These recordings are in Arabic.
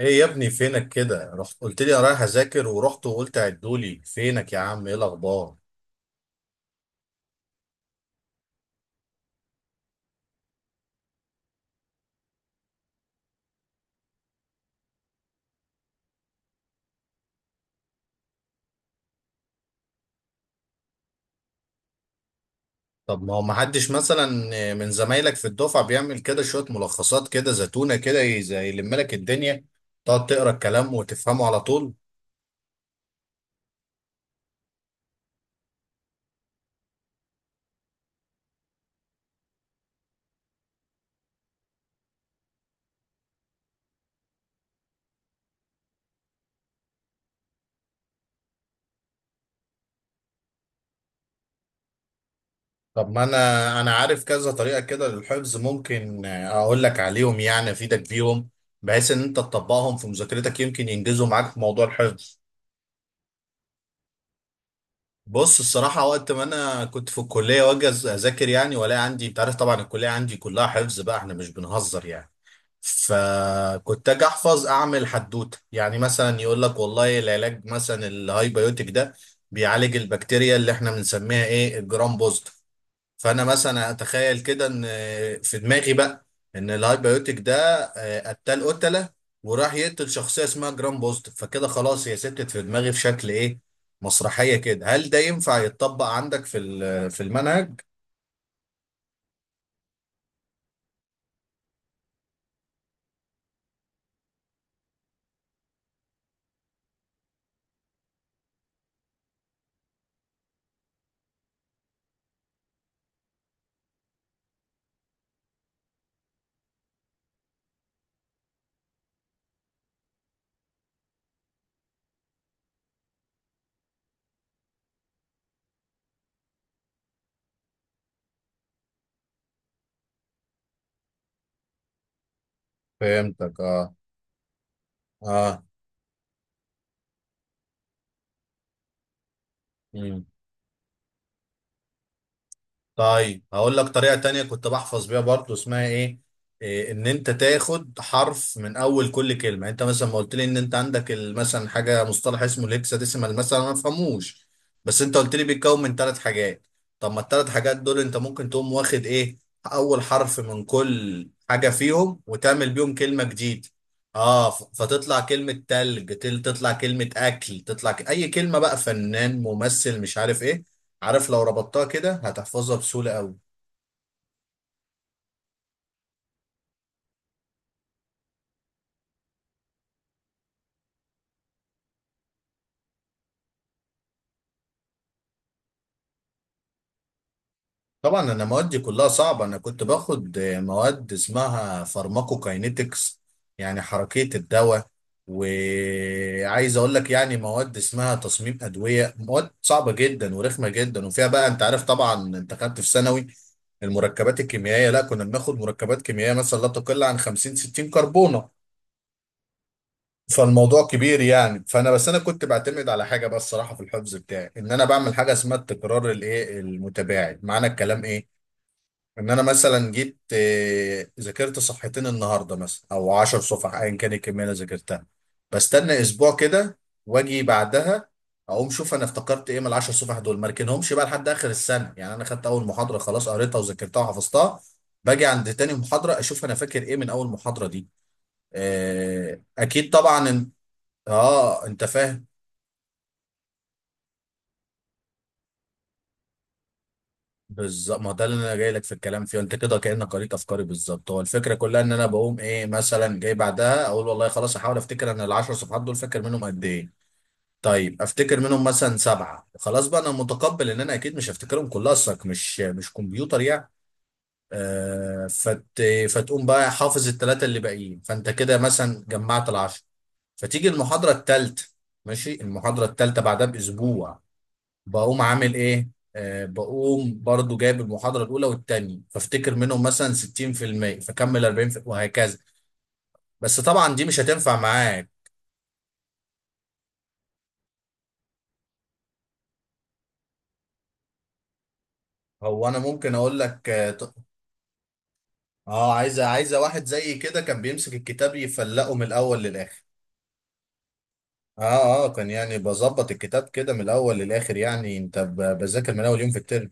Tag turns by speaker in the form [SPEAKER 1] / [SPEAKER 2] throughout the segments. [SPEAKER 1] ايه يا ابني فينك كده؟ رحت قلت لي انا رايح اذاكر ورحت وقلت عدولي. فينك يا عم؟ ايه الاخبار؟ طب ما هو ما حدش مثلا من زمايلك في الدفعه بيعمل كده شويه ملخصات كده زتونه كده زي يلم لك الدنيا، تقعد تقرا الكلام وتفهمه على طول؟ طب ما انا عارف كذا طريقه كده للحفظ، ممكن اقول لك عليهم يعني افيدك بيهم، بحيث ان انت تطبقهم في مذاكرتك يمكن ينجزوا معاك في موضوع الحفظ. بص الصراحة، وقت ما أنا كنت في الكلية وأجي أذاكر يعني ولا عندي، أنت عارف طبعا الكلية عندي كلها حفظ بقى، إحنا مش بنهزر يعني. فكنت أجي أحفظ أعمل حدوتة، يعني مثلا يقول لك والله العلاج مثلا الهايبيوتيك ده بيعالج البكتيريا اللي إحنا بنسميها إيه؟ الجرام بوزيتيف. فانا مثلا اتخيل كده ان في دماغي بقى ان الهايبيوتيك ده قتال قتله وراح يقتل شخصيه اسمها جرام بوزيتيف، فكده خلاص هي ستت في دماغي في شكل ايه؟ مسرحيه كده. هل ده ينفع يتطبق عندك في المنهج؟ فهمتك. اه، اه. طيب هقول لك طريقة تانية كنت بحفظ بيها برضو، اسمها ايه؟ إيه، ان انت تاخد حرف من اول كل كلمة. يعني انت مثلا ما قلت لي ان انت عندك مثلا حاجة مصطلح اسمه الهكساديسيمال مثلا، انا ما بفهموش، بس انت قلت لي بيتكون من ثلاث حاجات. طب ما الثلاث حاجات دول انت ممكن تقوم واخد ايه؟ اول حرف من كل حاجة فيهم وتعمل بيهم كلمة جديدة. اه، فتطلع كلمة تلج، تطلع كلمة اكل، تطلع اي كلمة بقى، فنان، ممثل، مش عارف ايه. عارف لو ربطتها كده هتحفظها بسهولة قوي. طبعا انا موادي كلها صعبة، انا كنت باخد مواد اسمها فارماكوكاينيتكس، يعني حركية الدواء. وعايز اقول لك يعني، مواد اسمها تصميم ادوية، مواد صعبة جدا ورخمة جدا. وفيها بقى، انت عارف طبعا انت خدت في ثانوي المركبات الكيميائية، لا كنا بناخد مركبات كيميائية مثلا لا تقل عن 50 60 كربونة. فالموضوع كبير يعني. فانا بس انا كنت بعتمد على حاجه بس صراحه في الحفظ بتاعي، ان انا بعمل حاجه اسمها التكرار الايه المتباعد. معنى الكلام ايه؟ ان انا مثلا جيت ذاكرت صفحتين النهارده مثلا او 10 صفح ايا كان الكميه اللي ذاكرتها، بستنى اسبوع كده واجي بعدها اقوم شوف انا افتكرت ايه من ال 10 صفح دول، ما اركنهمش بقى لحد اخر السنه. يعني انا خدت اول محاضره خلاص قريتها وذاكرتها وحفظتها، باجي عند تاني محاضره اشوف انا فاكر ايه من اول محاضره دي. آه، اكيد طبعا. اه، انت فاهم. بالظبط، ما ده اللي انا جاي لك في الكلام فيه. انت كده كانك قريت افكاري بالظبط. هو الفكره كلها ان انا بقوم ايه؟ مثلا جاي بعدها اقول والله خلاص، احاول افتكر انا العشر صفحات دول فاكر منهم قد ايه؟ طيب افتكر منهم مثلا سبعه، خلاص بقى انا متقبل ان انا اكيد مش هفتكرهم كلها، اصلك مش كمبيوتر يعني. آه فت فتقوم بقى حافظ الثلاثه اللي باقيين، فانت كده مثلا جمعت العشر. فتيجي المحاضره الثالثه. ماشي، المحاضره الثالثه بعدها باسبوع، بقوم عامل ايه؟ بقوم برضو جايب المحاضرة الأولى والتانية فافتكر منهم مثلا 60% فكمل 40% وهكذا. بس طبعا دي مش هتنفع معاك. هو أنا ممكن أقول لك. عايزة واحد زي كده كان بيمسك الكتاب يفلقه من الأول للآخر. اه. اه، كان يعني بظبط الكتاب كده من الأول للآخر. يعني أنت بذاكر من أول يوم في الترم.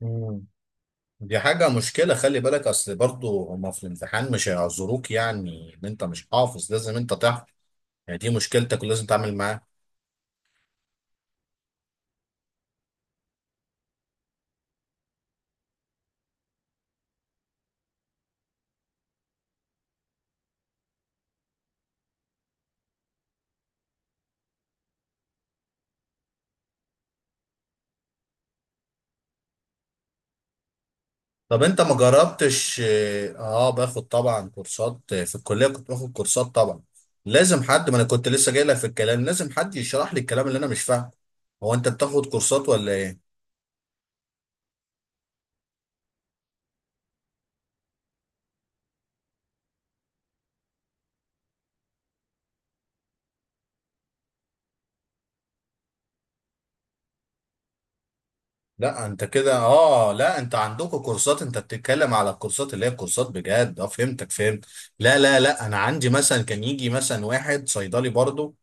[SPEAKER 1] مم. دي حاجة مشكلة، خلي بالك، أصل برضو هما في الامتحان مش هيعذروك، يعني إن أنت مش حافظ لازم أنت تحفظ. يعني دي مشكلتك ولازم تتعامل معاها. طب انت ما جربتش. باخد طبعا كورسات. في الكليه كنت باخد كورسات طبعا. لازم حد، ما انا كنت لسه جاي لك في الكلام، لازم حد يشرح لي الكلام اللي انا مش فاهمه. هو انت بتاخد كورسات ولا ايه؟ لا، انت كده، اه، لا، انت عندكم كورسات، انت بتتكلم على الكورسات اللي هي الكورسات بجد. اه، فهمتك، فهمت. لا، لا، لا، انا عندي مثلا كان يجي مثلا واحد صيدلي برضه،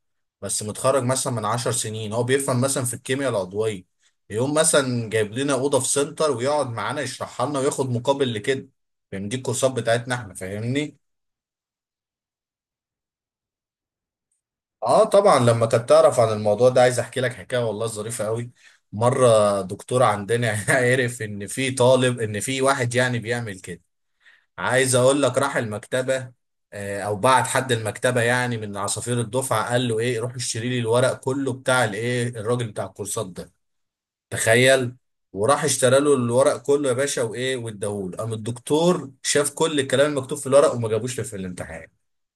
[SPEAKER 1] بس متخرج مثلا من 10 سنين، هو بيفهم مثلا في الكيمياء العضوية، يقوم مثلا جايب لنا اوضه في سنتر ويقعد معانا يشرحها لنا وياخد مقابل لكده. فاهم؟ دي الكورسات بتاعتنا احنا، فاهمني؟ اه طبعا، لما كانت تعرف عن الموضوع ده، عايز احكي لك حكايه والله ظريفه قوي. مره دكتور عندنا عرف ان في واحد يعني بيعمل كده. عايز اقول لك، راح المكتبه او بعت حد المكتبه يعني، من عصافير الدفعه، قال له ايه روح اشتري لي الورق كله بتاع الايه الراجل بتاع الكورسات ده. تخيل! وراح اشترى له الورق كله يا باشا وايه واداهوله، قام الدكتور شاف كل الكلام المكتوب في الورق وما جابوش في الامتحان.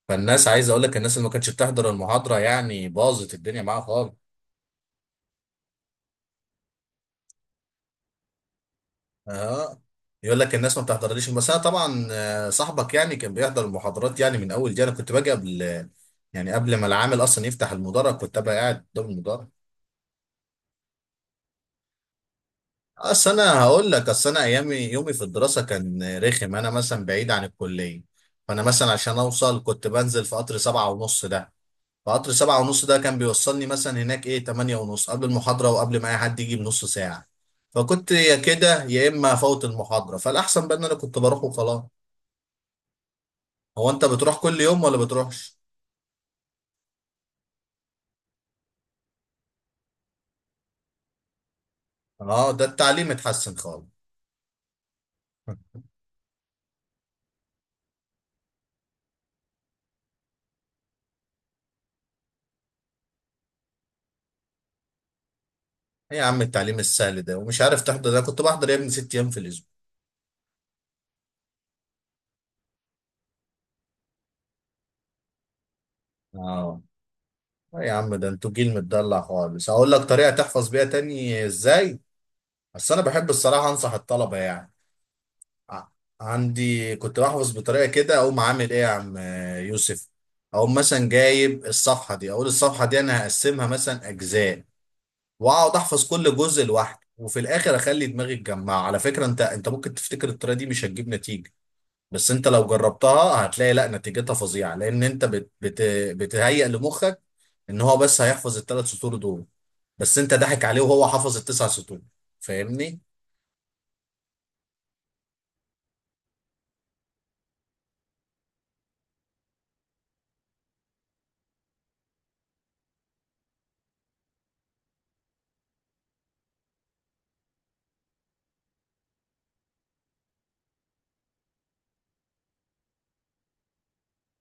[SPEAKER 1] فالناس، عايز اقول لك، الناس اللي ما كانتش بتحضر المحاضره يعني باظت الدنيا معاها خالص. اه. يقول لك الناس ما بتحضرليش. بس انا طبعا صاحبك يعني كان بيحضر المحاضرات، يعني من اول دي انا كنت باجي قبل، يعني قبل ما العامل اصلا يفتح المدرج كنت ابقى قاعد قدام المدرج. اصل انا هقول لك، اصل انا ايامي، يومي في الدراسه كان رخم، انا مثلا بعيد عن الكليه. فانا مثلا عشان اوصل كنت بنزل في قطر 7:30 ده. فقطر 7:30 ده كان بيوصلني مثلا هناك ايه 8:30 قبل المحاضرة، وقبل ما اي حد يجي بنص ساعة. فكنت يا كده يا اما افوت المحاضرة، فالاحسن بقى ان انا كنت بروح وخلاص. هو انت بتروح كل يوم ولا بتروحش؟ اه، ده التعليم اتحسن خالص. ايه يا عم التعليم السهل ده ومش عارف تحضر؟ ده أنا كنت بحضر يا ابني 6 ايام في الاسبوع. اه. إيه يا عم، ده انتوا جيل متدلع خالص. هقول لك طريقة تحفظ بيها تاني ازاي. بس انا بحب الصراحة انصح الطلبة يعني. ع- عندي كنت بحفظ بطريقه كده، اقوم عامل ايه يا عم يوسف. اقوم مثلا جايب الصفحه دي، اقول الصفحه دي انا هقسمها مثلا اجزاء، واقعد احفظ كل جزء لوحده، وفي الاخر اخلي دماغي تجمعها. على فكره انت ممكن تفتكر الطريقه دي مش هتجيب نتيجه، بس انت لو جربتها هتلاقي لا نتيجتها فظيعه، لان انت بت بت بتهيئ لمخك ان هو بس هيحفظ الثلاث سطور دول، بس انت ضحك عليه وهو حفظ التسع سطور. فاهمني؟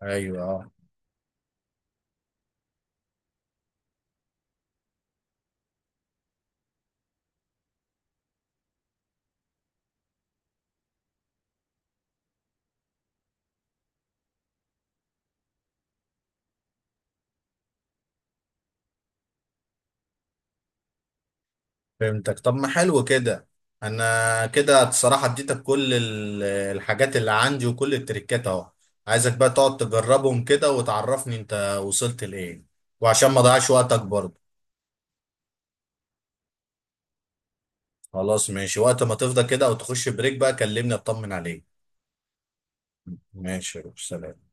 [SPEAKER 1] ايوه، آه. فهمتك. طب ما حلو كده، انا كده الصراحه اديتك كل الحاجات اللي عندي وكل التريكات اهو. عايزك بقى تقعد تجربهم كده وتعرفني انت وصلت لايه، وعشان ما اضيعش وقتك برضه. خلاص، ماشي، وقت ما تفضى كده او تخش بريك بقى كلمني اطمن عليك. ماشي يا روح، سلام.